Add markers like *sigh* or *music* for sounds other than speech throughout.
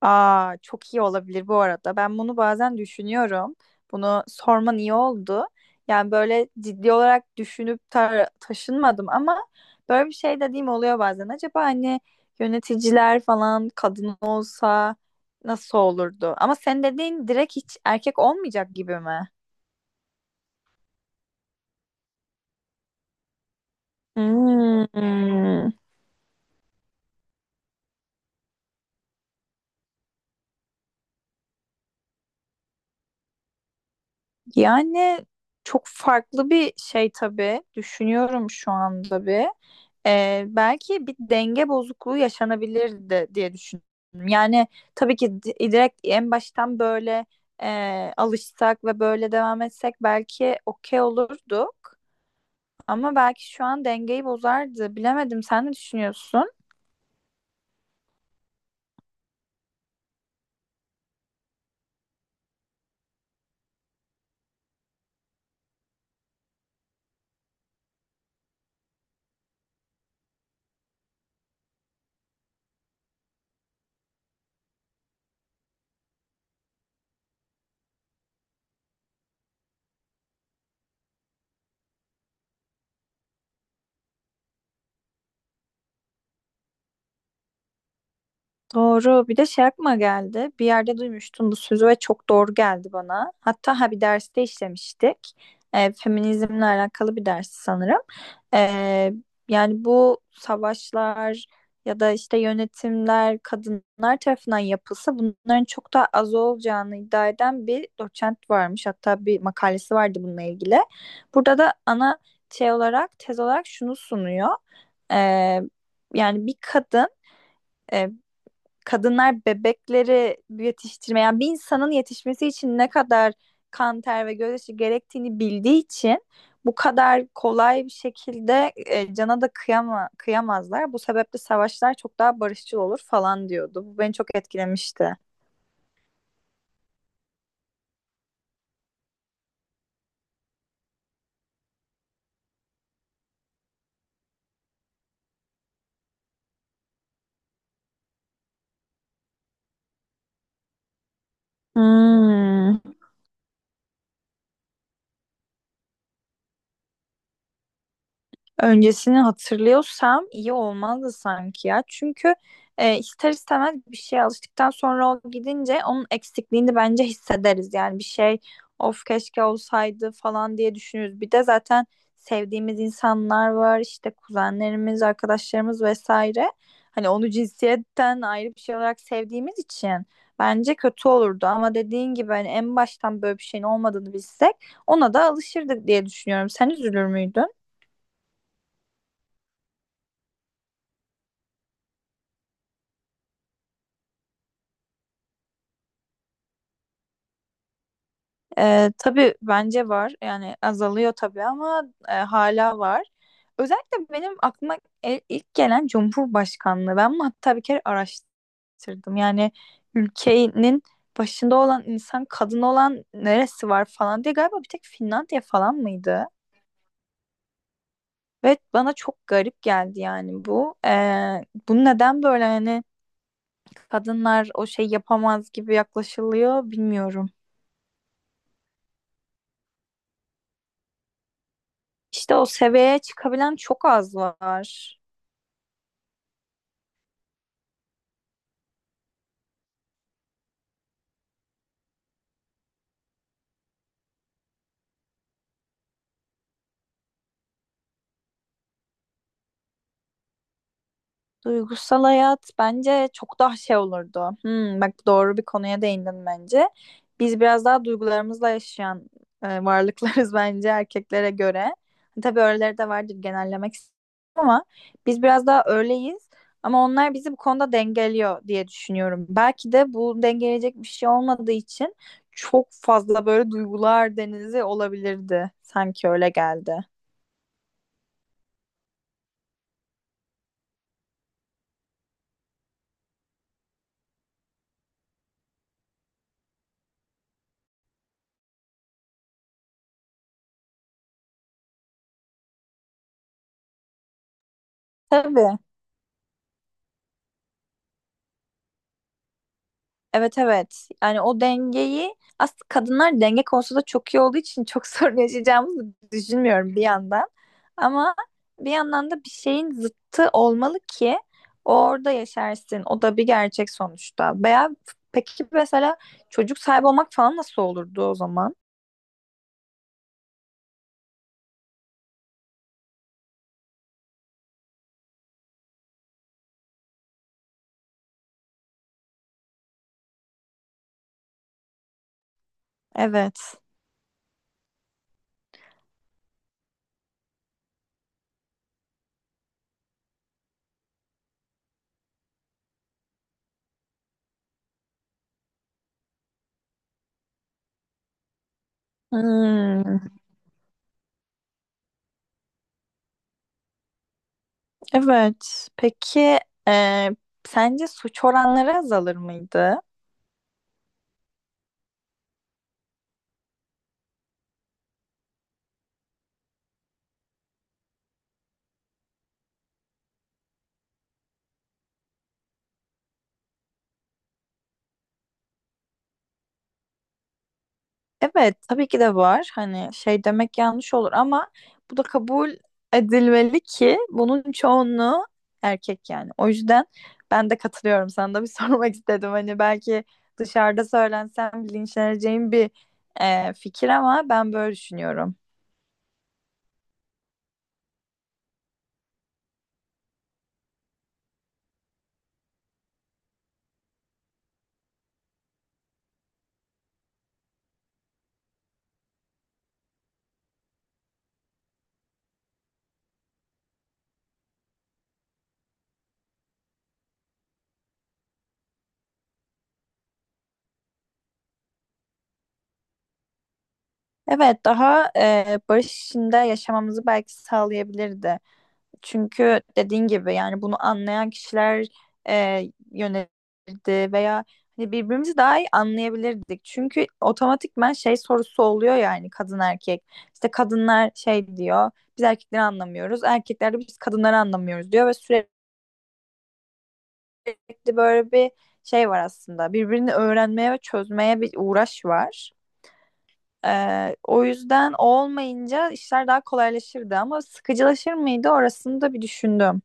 Aa, çok iyi olabilir bu arada. Ben bunu bazen düşünüyorum. Bunu sorman iyi oldu. Yani böyle ciddi olarak düşünüp taşınmadım ama böyle bir şey dediğim oluyor bazen. Acaba hani yöneticiler falan kadın olsa nasıl olurdu? Ama sen dediğin direkt hiç erkek olmayacak gibi mi? Hmm. Yani çok farklı bir şey tabii. Düşünüyorum şu anda bir. Belki bir denge bozukluğu yaşanabilirdi diye düşünüyorum. Yani tabii ki direkt en baştan böyle alışsak ve böyle devam etsek belki okey olurduk. Ama belki şu an dengeyi bozardı. Bilemedim. Sen ne düşünüyorsun? Doğru. Bir de şey aklıma geldi. Bir yerde duymuştum bu sözü ve çok doğru geldi bana. Hatta ha bir derste işlemiştik. Feminizmle alakalı bir dersi sanırım. Ee, Yani bu savaşlar ya da işte yönetimler kadınlar tarafından yapılsa bunların çok daha az olacağını iddia eden bir doçent varmış. Hatta bir makalesi vardı bununla ilgili. Burada da ana şey olarak tez olarak şunu sunuyor. Ee, Yani bir kadın e, kadınlar bebekleri yetiştirmeyen yani bir insanın yetişmesi için ne kadar kan, ter ve gözyaşı gerektiğini bildiği için bu kadar kolay bir şekilde cana da kıyama, kıyamazlar. Bu sebeple savaşlar çok daha barışçıl olur falan diyordu. Bu beni çok etkilemişti. Hmm. Öncesini hatırlıyorsam iyi olmazdı sanki ya. Çünkü ister istemez bir şeye alıştıktan sonra o gidince onun eksikliğini bence hissederiz. Yani bir şey of keşke olsaydı falan diye düşünürüz. Bir de zaten sevdiğimiz insanlar var işte kuzenlerimiz, arkadaşlarımız vesaire. Hani onu cinsiyetten ayrı bir şey olarak sevdiğimiz için bence kötü olurdu. Ama dediğin gibi hani en baştan böyle bir şeyin olmadığını bilsek ona da alışırdık diye düşünüyorum. Sen üzülür müydün? Tabii bence var. Yani azalıyor tabii ama hala var. Özellikle benim aklıma ilk gelen Cumhurbaşkanlığı. Ben bunu hatta bir kere araştırdım. Yani ülkenin başında olan insan kadın olan neresi var falan diye galiba bir tek Finlandiya falan mıydı? Ve bana çok garip geldi yani bu. Bunu neden böyle hani kadınlar o şey yapamaz gibi yaklaşılıyor bilmiyorum. İşte o seviyeye çıkabilen çok az var. Duygusal hayat bence çok daha şey olurdu. Hmm, bak doğru bir konuya değindin bence. Biz biraz daha duygularımızla yaşayan varlıklarız *laughs* bence erkeklere göre. Tabii öyleleri de vardır genellemek istemem ama biz biraz daha öyleyiz. Ama onlar bizi bu konuda dengeliyor diye düşünüyorum. Belki de bu dengeleyecek bir şey olmadığı için çok fazla böyle duygular denizi olabilirdi. Sanki öyle geldi. Tabii. Evet, evet. Yani o dengeyi aslında kadınlar denge konusunda çok iyi olduğu için çok *laughs* sorun yaşayacağımızı düşünmüyorum bir yandan. Ama bir yandan da bir şeyin zıttı olmalı ki orada yaşarsın. O da bir gerçek sonuçta. Veya peki mesela çocuk sahibi olmak falan nasıl olurdu o zaman? Evet. Hmm, evet. Peki e, sence suç oranları azalır mıydı? Evet, tabii ki de var. Hani şey demek yanlış olur ama bu da kabul edilmeli ki bunun çoğunluğu erkek yani. O yüzden ben de katılıyorum. Sana da bir *laughs* sormak istedim. Hani belki dışarıda söylensem linçleneceğim bir fikir ama ben böyle düşünüyorum. Evet, daha barış içinde yaşamamızı belki sağlayabilirdi. Çünkü dediğin gibi yani bunu anlayan kişiler e, yönelirdi veya hani birbirimizi daha iyi anlayabilirdik. Çünkü otomatikman şey sorusu oluyor yani kadın erkek. İşte kadınlar şey diyor biz erkekleri anlamıyoruz. Erkekler de biz kadınları anlamıyoruz diyor ve sürekli böyle bir şey var aslında. Birbirini öğrenmeye ve çözmeye bir uğraş var. O yüzden o olmayınca işler daha kolaylaşırdı ama sıkıcılaşır mıydı orasını da bir düşündüm.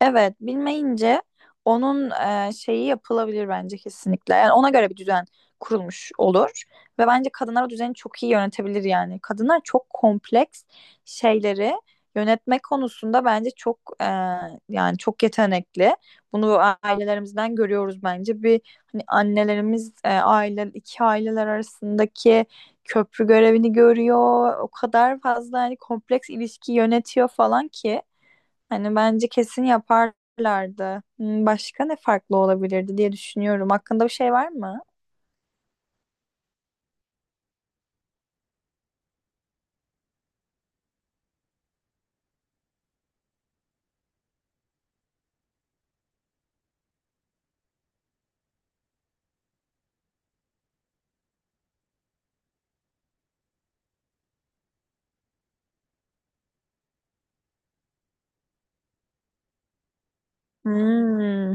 Evet, bilmeyince onun şeyi yapılabilir bence kesinlikle. Yani ona göre bir düzen kurulmuş olur ve bence kadınlar o düzeni çok iyi yönetebilir yani. Kadınlar çok kompleks şeyleri yönetme konusunda bence çok yani çok yetenekli. Bunu ailelerimizden görüyoruz bence. Bir hani annelerimiz aile iki aileler arasındaki köprü görevini görüyor. O kadar fazla hani kompleks ilişki yönetiyor falan ki hani bence kesin yaparlardı. Hmm, başka ne farklı olabilirdi diye düşünüyorum. Hakkında bir şey var mı? Hmm,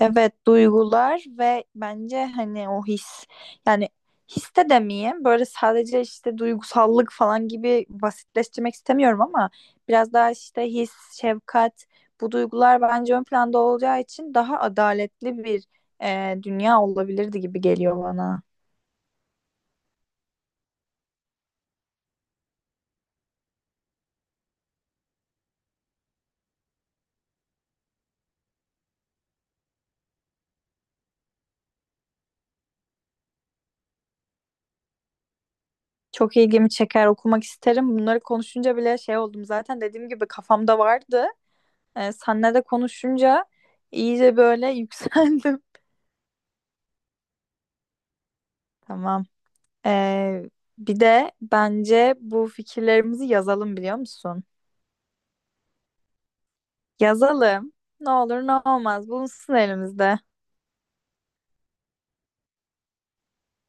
evet, duygular ve bence hani o his, yani his de demeyeyim böyle sadece işte duygusallık falan gibi basitleştirmek istemiyorum ama biraz daha işte his, şefkat, bu duygular bence ön planda olacağı için daha adaletli bir dünya olabilirdi gibi geliyor bana. Çok ilgimi çeker, okumak isterim. Bunları konuşunca bile şey oldum zaten dediğim gibi kafamda vardı. Senle de konuşunca iyice böyle *laughs* yükseldim. Tamam. Ee, Bir de bence bu fikirlerimizi yazalım biliyor musun? Yazalım. Ne olur ne olmaz bulunsun elimizde.